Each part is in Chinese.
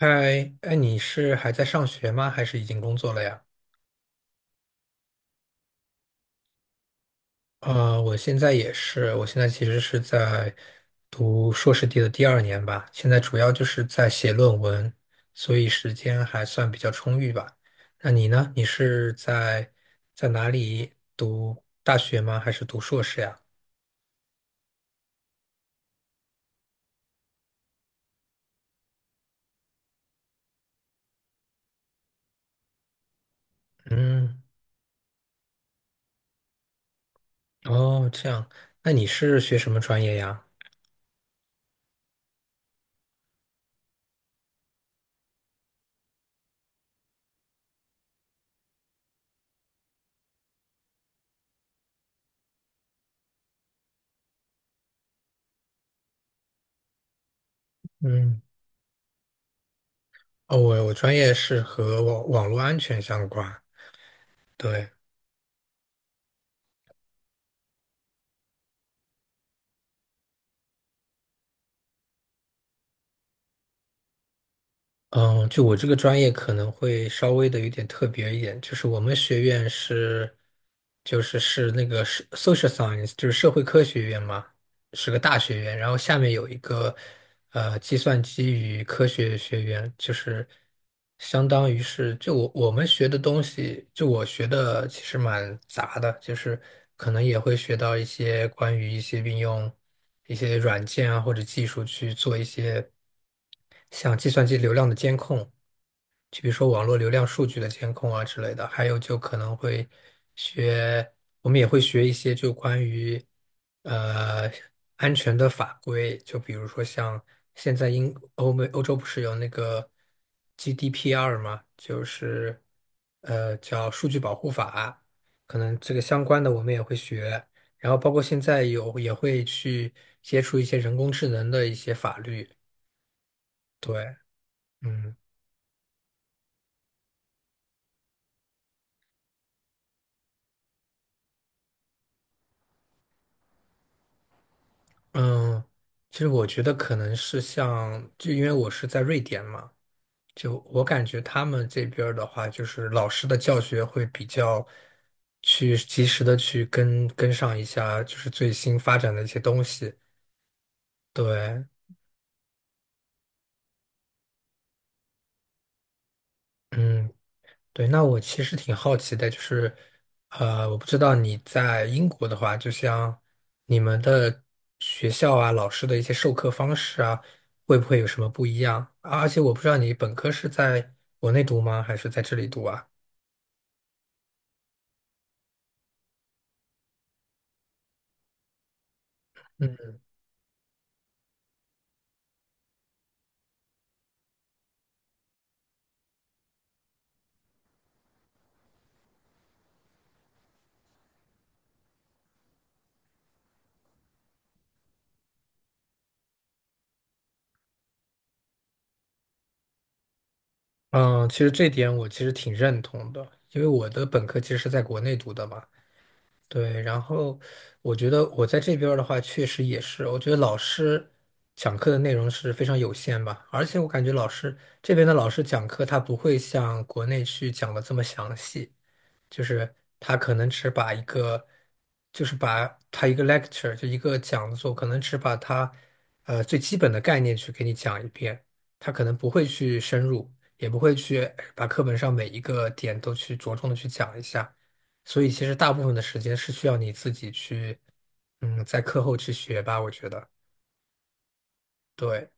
嗨，哎，你是还在上学吗？还是已经工作了呀？我现在也是，我现在其实是在读硕士第二年吧，现在主要就是在写论文，所以时间还算比较充裕吧。那你呢？你是在哪里读大学吗？还是读硕士呀？嗯，哦，这样，那你是学什么专业呀？嗯，哦，我专业是和网络安全相关，对。嗯，就我这个专业可能会稍微的有点特别一点，就是我们学院是，就是 social science,就是社会科学院嘛，是个大学院，然后下面有一个计算机与科学学院，就是相当于是就我们学的东西，就我学的其实蛮杂的，就是可能也会学到一些关于一些应用。一些软件啊或者技术去做一些像计算机流量的监控，就比如说网络流量数据的监控啊之类的，还有就可能会学，我们也会学一些就关于呃安全的法规，就比如说像现在英欧美欧洲不是有那个 GDPR 嘛，就是叫数据保护法，可能这个相关的我们也会学，然后包括现在有也会去接触一些人工智能的一些法律，对，嗯。嗯，其实我觉得可能是像，就因为我是在瑞典嘛，就我感觉他们这边儿的话，就是老师的教学会比较去及时的去跟上一下，就是最新发展的一些东西。对，嗯，对，那我其实挺好奇的，就是，我不知道你在英国的话，就像你们的学校啊，老师的一些授课方式啊，会不会有什么不一样？啊而且我不知道你本科是在国内读吗，还是在这里读啊？嗯，其实这点我其实挺认同的，因为我的本科其实是在国内读的嘛。对，然后我觉得我在这边儿的话，确实也是，我觉得老师讲课的内容是非常有限吧，而且我感觉这边的老师讲课，他不会像国内去讲的这么详细，就是他可能只把一个，就是把他一个 lecture 就一个讲座，可能只把他最基本的概念去给你讲一遍，他可能不会去深入，也不会去把课本上每一个点都去着重的去讲一下，所以其实大部分的时间是需要你自己去，嗯，在课后去学吧，我觉得，对。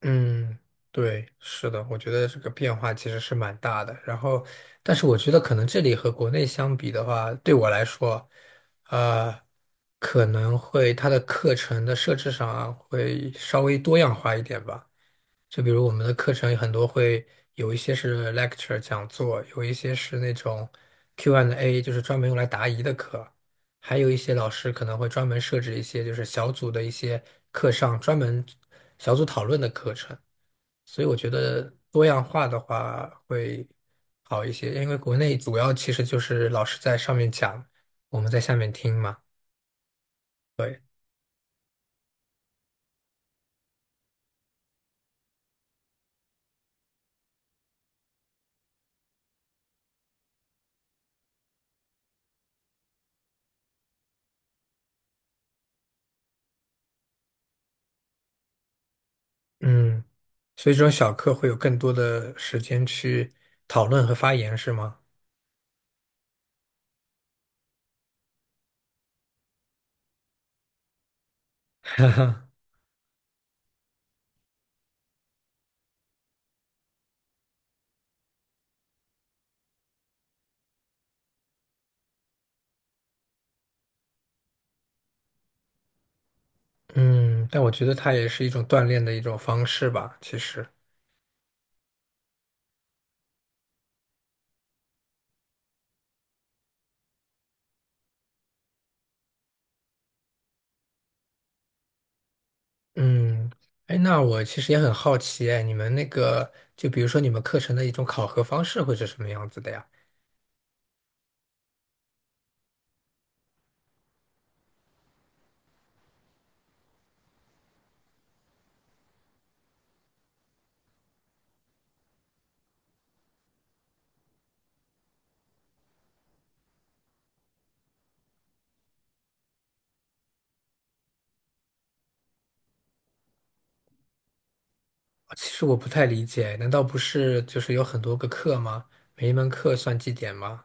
嗯，对，是的，我觉得这个变化其实是蛮大的。然后，但是我觉得可能这里和国内相比的话，对我来说，呃，可能会它的课程的设置上啊会稍微多样化一点吧。就比如我们的课程有很多会有一些是 lecture 讲座，有一些是那种 Q&A,就是专门用来答疑的课。还有一些老师可能会专门设置一些就是小组的一些课上专门小组讨论的课程。所以我觉得多样化的话会好一些，因为国内主要其实就是老师在上面讲，我们在下面听嘛。对，嗯，所以这种小课会有更多的时间去讨论和发言，是吗？嗯，但我觉得它也是一种锻炼的一种方式吧，其实。嗯，哎，那我其实也很好奇，哎，你们那个，就比如说你们课程的一种考核方式会是什么样子的呀？其实我不太理解，难道不是就是有很多个课吗？每一门课算绩点吗？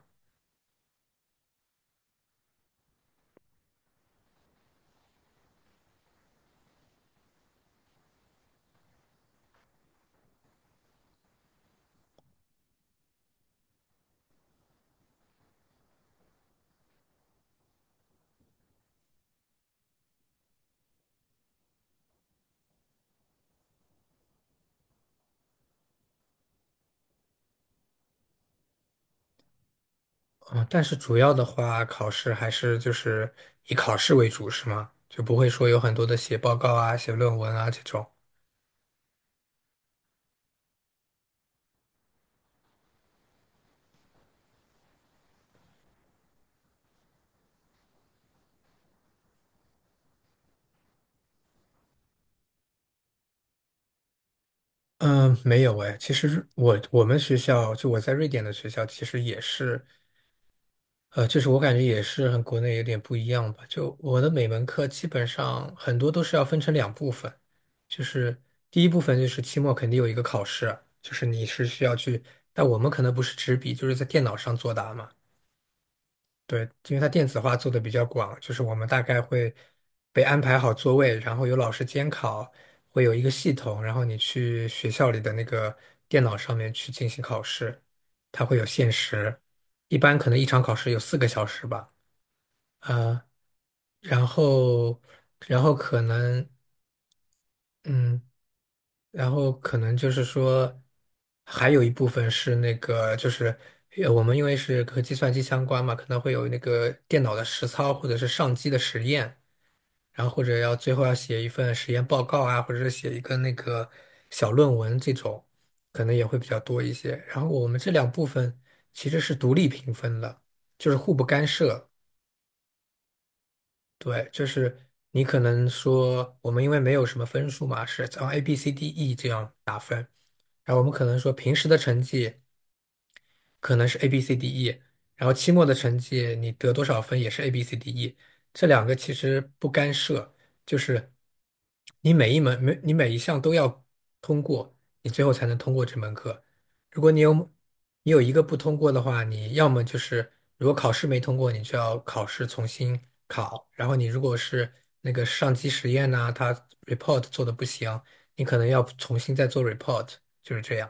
嗯，但是主要的话，考试还是就是以考试为主，是吗？就不会说有很多的写报告啊、写论文啊这种。嗯，没有诶，其实我学校就我在瑞典的学校，其实也是。就是我感觉也是和国内有点不一样吧。就我的每门课基本上很多都是要分成两部分，就是第一部分就是期末肯定有一个考试，就是你是需要去，但我们可能不是纸笔，就是在电脑上作答嘛。对，因为它电子化做的比较广，就是我们大概会被安排好座位，然后有老师监考，会有一个系统，然后你去学校里的那个电脑上面去进行考试，它会有限时，一般可能一场考试有四个小时吧。呃，然后，然后可能，嗯，然后可能就是说，还有一部分是那个，就是我们因为是和计算机相关嘛，可能会有那个电脑的实操或者是上机的实验，然后或者要最后要写一份实验报告啊，或者是写一个那个小论文这种，可能也会比较多一些。然后我们这两部分其实是独立评分的，就是互不干涉。对，就是你可能说我们因为没有什么分数嘛，是从 A、B、C、D、E 这样，然后我们可能说平时的成绩，可能是 A B C D E,然后期末的成绩你得多少分也是 A B C D E,这两个其实不干涉，就是你每一项都要通过，你最后才能通过这门课。如果你有一个不通过的话，你要么就是如果考试没通过，你就要考试重新考，然后你如果是那个上机实验呐、它 report 做的不行，你可能要重新再做 report,就是这样。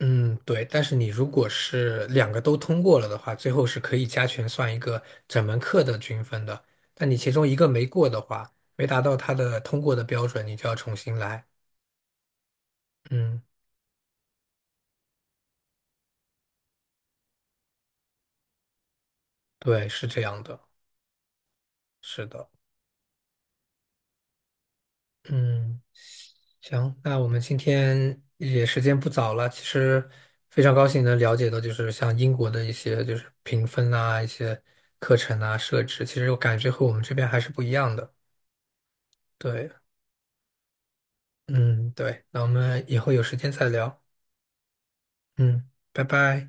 嗯，对，但是你如果是两个都通过了的话，最后是可以加权算一个整门课的均分的。但你其中一个没过的话，没达到它的通过的标准，你就要重新来。嗯，对，是这样的，是的。嗯，行，那我们今天也时间不早了，其实非常高兴能了解到，就是像英国的一些就是评分啊，一些课程啊设置，其实我感觉和我们这边还是不一样的。对。嗯，对，那我们以后有时间再聊。嗯，拜拜。